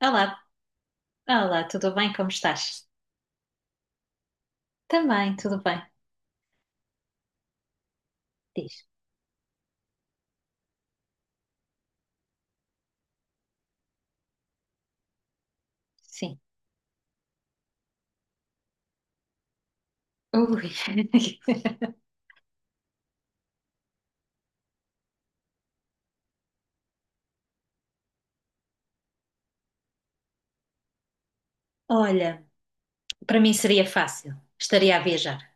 Olá, olá, tudo bem? Como estás? Também, tudo bem. Diz. Sim. Ui. Olha, para mim seria fácil. Estaria a viajar.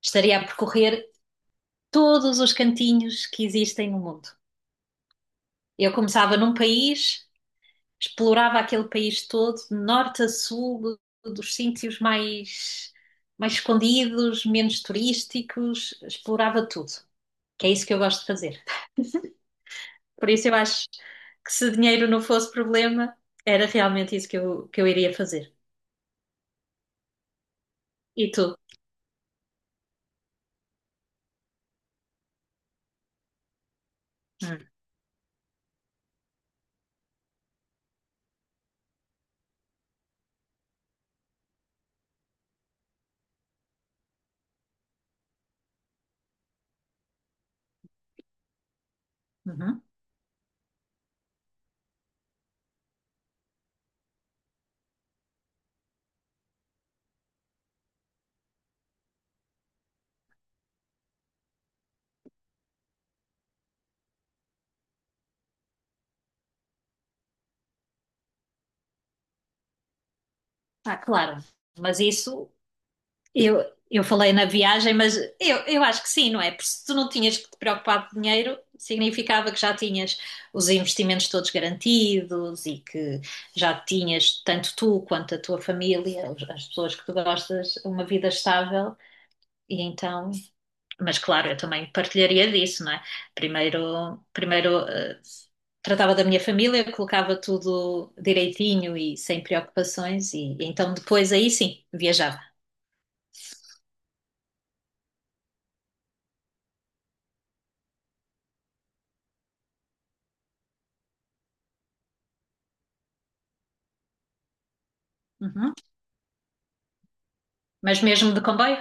Estaria a percorrer todos os cantinhos que existem no mundo. Eu começava num país, explorava aquele país todo, de norte a sul, dos mais escondidos, menos turísticos, explorava tudo. Que é isso que eu gosto de fazer. Por isso eu acho que, se dinheiro não fosse problema, era realmente isso que eu iria fazer. E tu? Hum, uhum. Ah, claro. Mas isso eu, eu falei na viagem, mas eu acho que sim, não é? Porque se tu não tinhas que te preocupar de dinheiro, significava que já tinhas os investimentos todos garantidos e que já tinhas, tanto tu quanto a tua família, as pessoas que tu gostas, uma vida estável. E então, mas claro, eu também partilharia disso, não é? Primeiro, tratava da minha família, colocava tudo direitinho e sem preocupações, e então depois aí sim, viajava. Uhum. Mas mesmo de comboio?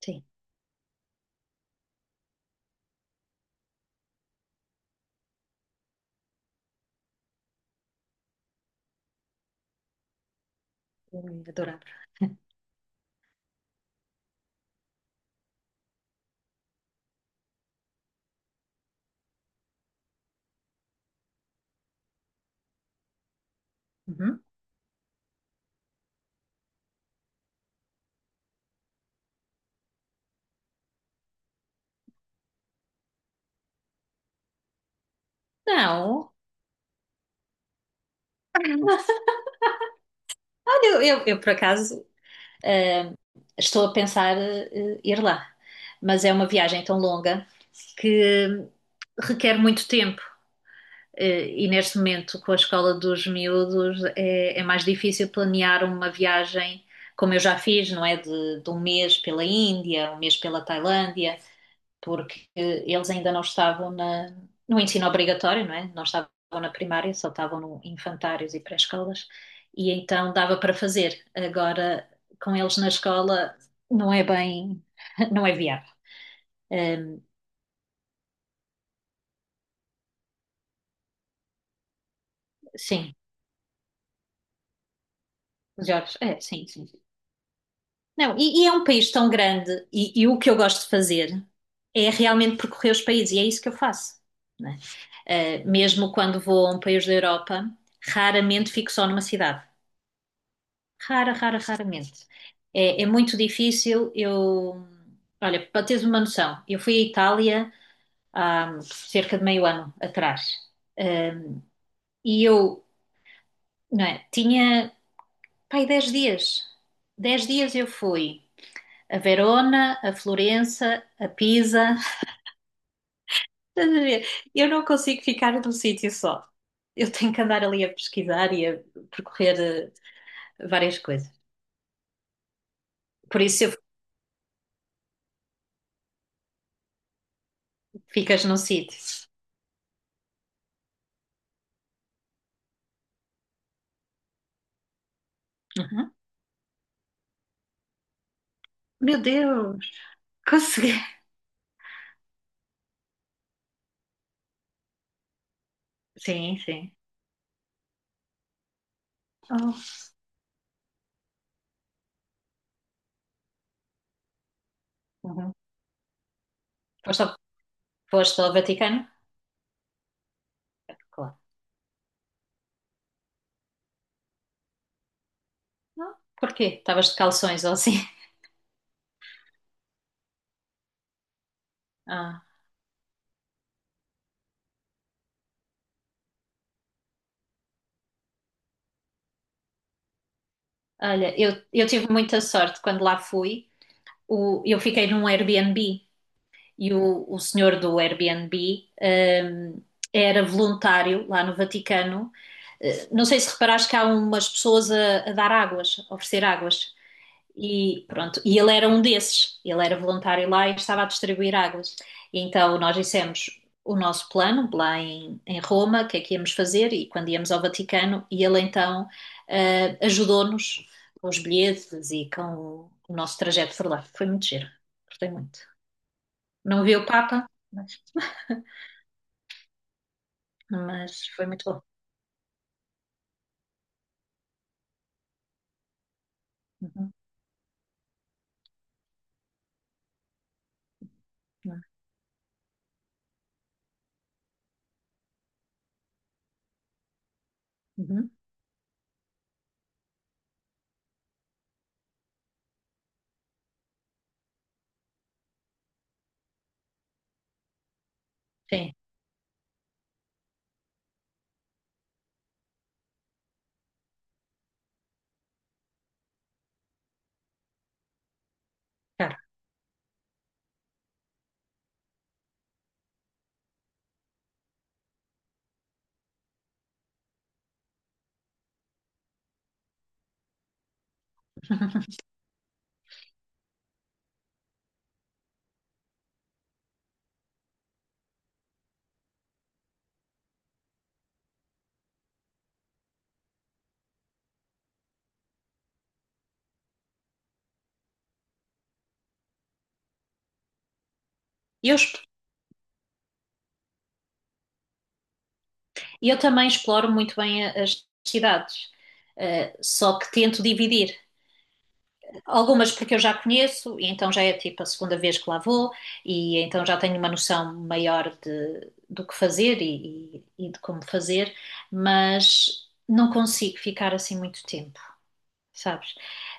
Sim, eu adorava. Uhum. Não, olha, eu, por acaso, eh, estou a pensar ir lá, mas é uma viagem tão longa que requer muito tempo. E neste momento, com a escola dos miúdos, é mais difícil planear uma viagem, como eu já fiz, não é? De 1 mês pela Índia, 1 mês pela Tailândia, porque eles ainda não estavam no ensino obrigatório, não é? Não estavam na primária, só estavam no infantários e pré-escolas, e então dava para fazer. Agora, com eles na escola, não é bem, não é viável. Eh, sim, Jorge, é, sim, sim. Não, e é um país tão grande, e o que eu gosto de fazer é realmente percorrer os países, e é isso que eu faço, né? Eh, mesmo quando vou a um país da Europa, raramente fico só numa cidade. Rara, rara, raramente. É muito difícil. Eu, olha, para teres uma noção, eu fui à Itália há cerca de meio ano atrás. Eh, e eu, não é, tinha, pai, 10 dias. 10 dias eu fui a Verona, a Florença, a Pisa. Estás a ver? Eu não consigo ficar num sítio só. Eu tenho que andar ali a pesquisar e a percorrer várias coisas. Por isso, eu ficas num sítio. Uhum. Meu Deus, consegui. Sim, sim. Oh. Uhum. Foste ao, foste ao Vaticano? Claro. Não? Porquê? Estavas de calções ou assim? Ah, olha, eu tive muita sorte quando lá fui. O, eu fiquei num Airbnb e o senhor do Airbnb, hum, era voluntário lá no Vaticano. Eh, não sei se reparaste que há umas pessoas a dar águas, a oferecer águas. E pronto, e ele era um desses. Ele era voluntário lá e estava a distribuir águas. E então nós dissemos o nosso plano lá em Roma, o que é que íamos fazer e quando íamos ao Vaticano. E ele então, ajudou-nos com os bilhetes e com o nosso trajeto por lá. Foi muito giro, gostei muito. Não vi o Papa, mas, mas foi muito bom. Uhum, uhum, uhum. Sim, claro. E eu, e eu também exploro muito bem as cidades, só que tento dividir. Algumas porque eu já conheço, e então já é tipo a segunda vez que lá vou, e então já tenho uma noção maior de do que fazer e e de como fazer, mas não consigo ficar assim muito tempo, sabes?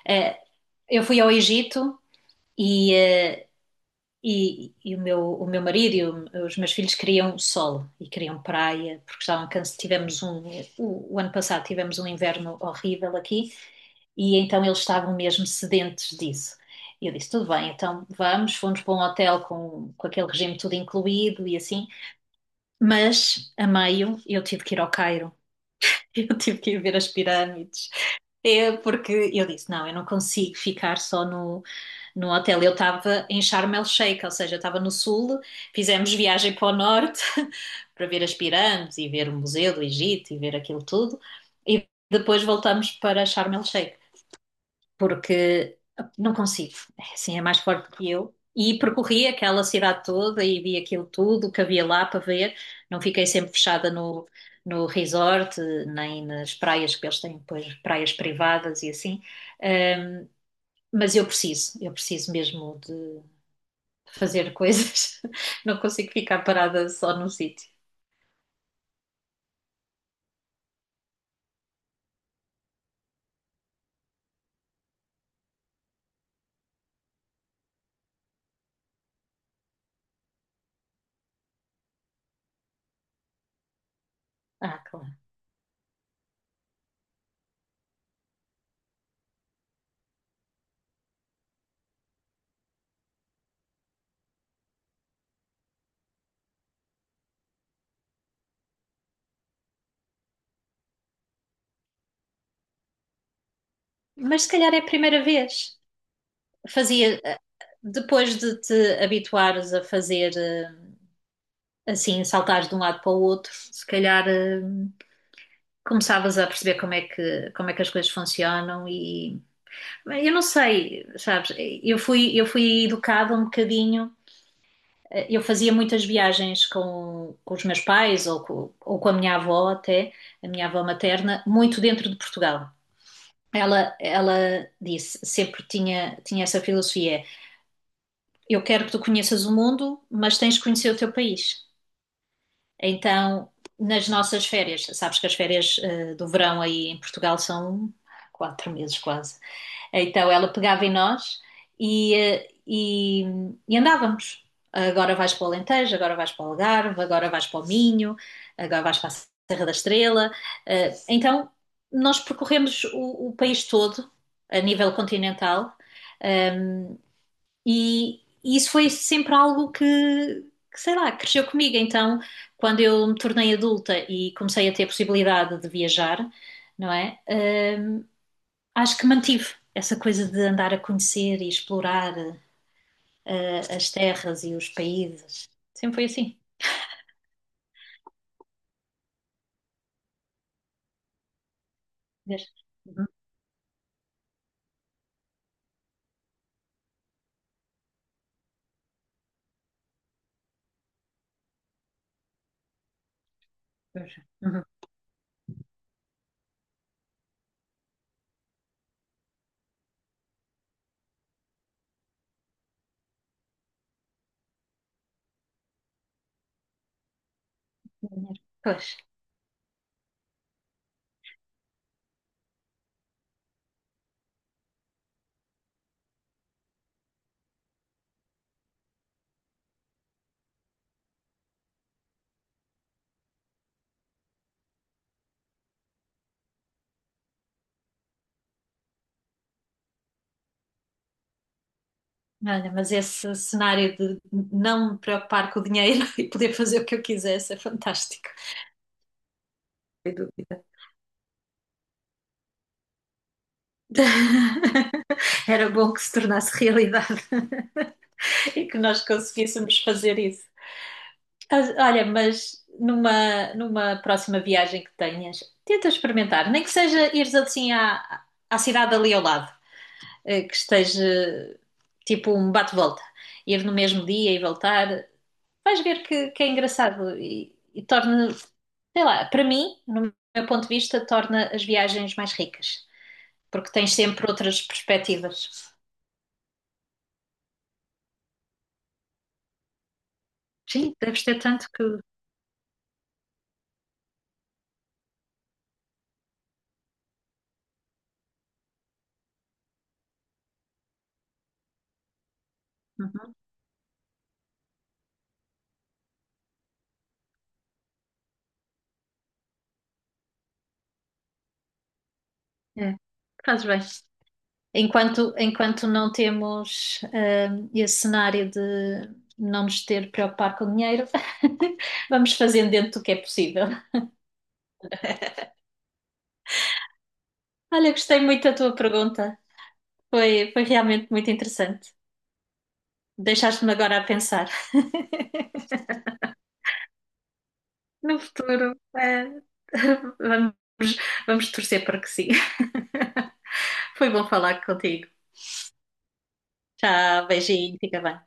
Eh, eu fui ao Egito e. eh, e o meu marido e os meus filhos queriam sol e queriam praia, porque estavam cansados. O ano passado tivemos um inverno horrível aqui, e então eles estavam mesmo sedentes disso. E eu disse, tudo bem, então vamos, fomos para um hotel com aquele regime tudo incluído e assim, mas a meio eu tive que ir ao Cairo. Eu tive que ir ver as pirâmides, é porque eu disse, não, eu não consigo ficar só no hotel. Eu estava em Sharm El Sheikh, ou seja, eu estava no sul, fizemos viagem para o norte para ver as pirâmides e ver o Museu do Egito e ver aquilo tudo, e depois voltamos para Sharm El Sheikh, porque não consigo, é assim, é mais forte que eu. E percorri aquela cidade toda e vi aquilo tudo que havia lá para ver, não fiquei sempre fechada no, no resort, nem nas praias, que eles têm depois praias privadas e assim. Ahm, mas eu preciso mesmo de fazer coisas. Não consigo ficar parada só num sítio. Ah, claro. Mas se calhar é a primeira vez. Fazia, depois de te habituares a fazer, assim, saltares de um lado para o outro, se calhar, começavas a perceber como é que as coisas funcionam. E eu não sei, sabes, eu fui educada um bocadinho, eu fazia muitas viagens com os meus pais ou com a minha avó até, a minha avó materna, muito dentro de Portugal. Ela disse, sempre tinha, tinha essa filosofia: eu quero que tu conheças o mundo, mas tens de conhecer o teu país. Então, nas nossas férias, sabes que as férias, do verão aí em Portugal, são 4 meses quase. Então ela pegava em nós e e andávamos. Agora vais para o Alentejo, agora vais para o Algarve, agora vais para o Minho, agora vais para a Serra da Estrela. Eh, então nós percorremos o país todo, a nível continental, eh, e e isso foi sempre algo que, sei lá, cresceu comigo. Então, quando eu me tornei adulta e comecei a ter a possibilidade de viajar, não é? Eh, acho que mantive essa coisa de andar a conhecer e explorar, as terras e os países. Sempre foi assim. Desde- Uhum, pois, uhum. Dinheiro. Pois. Olha, mas esse cenário de não me preocupar com o dinheiro e poder fazer o que eu quisesse é fantástico. Sem dúvida. Era bom que se tornasse realidade e que nós conseguíssemos fazer isso. Olha, mas numa, numa próxima viagem que tenhas, tenta experimentar, nem que seja ires assim à, à cidade ali ao lado, que esteja tipo um bate-volta, ir no mesmo dia e voltar, vais ver que é engraçado e torna, sei lá, para mim, no meu ponto de vista, torna as viagens mais ricas, porque tens sempre outras perspectivas. Sim, deves ter tanto que. Uhum. É, fazes bem. Enquanto não temos, esse cenário de não nos ter de preocupar com dinheiro, vamos fazendo dentro do que é possível. Olha, gostei muito da tua pergunta. Foi realmente muito interessante. Deixaste-me agora a pensar. No futuro, vamos, vamos torcer para que sim. Foi bom falar contigo. Tchau, beijinho, fica bem.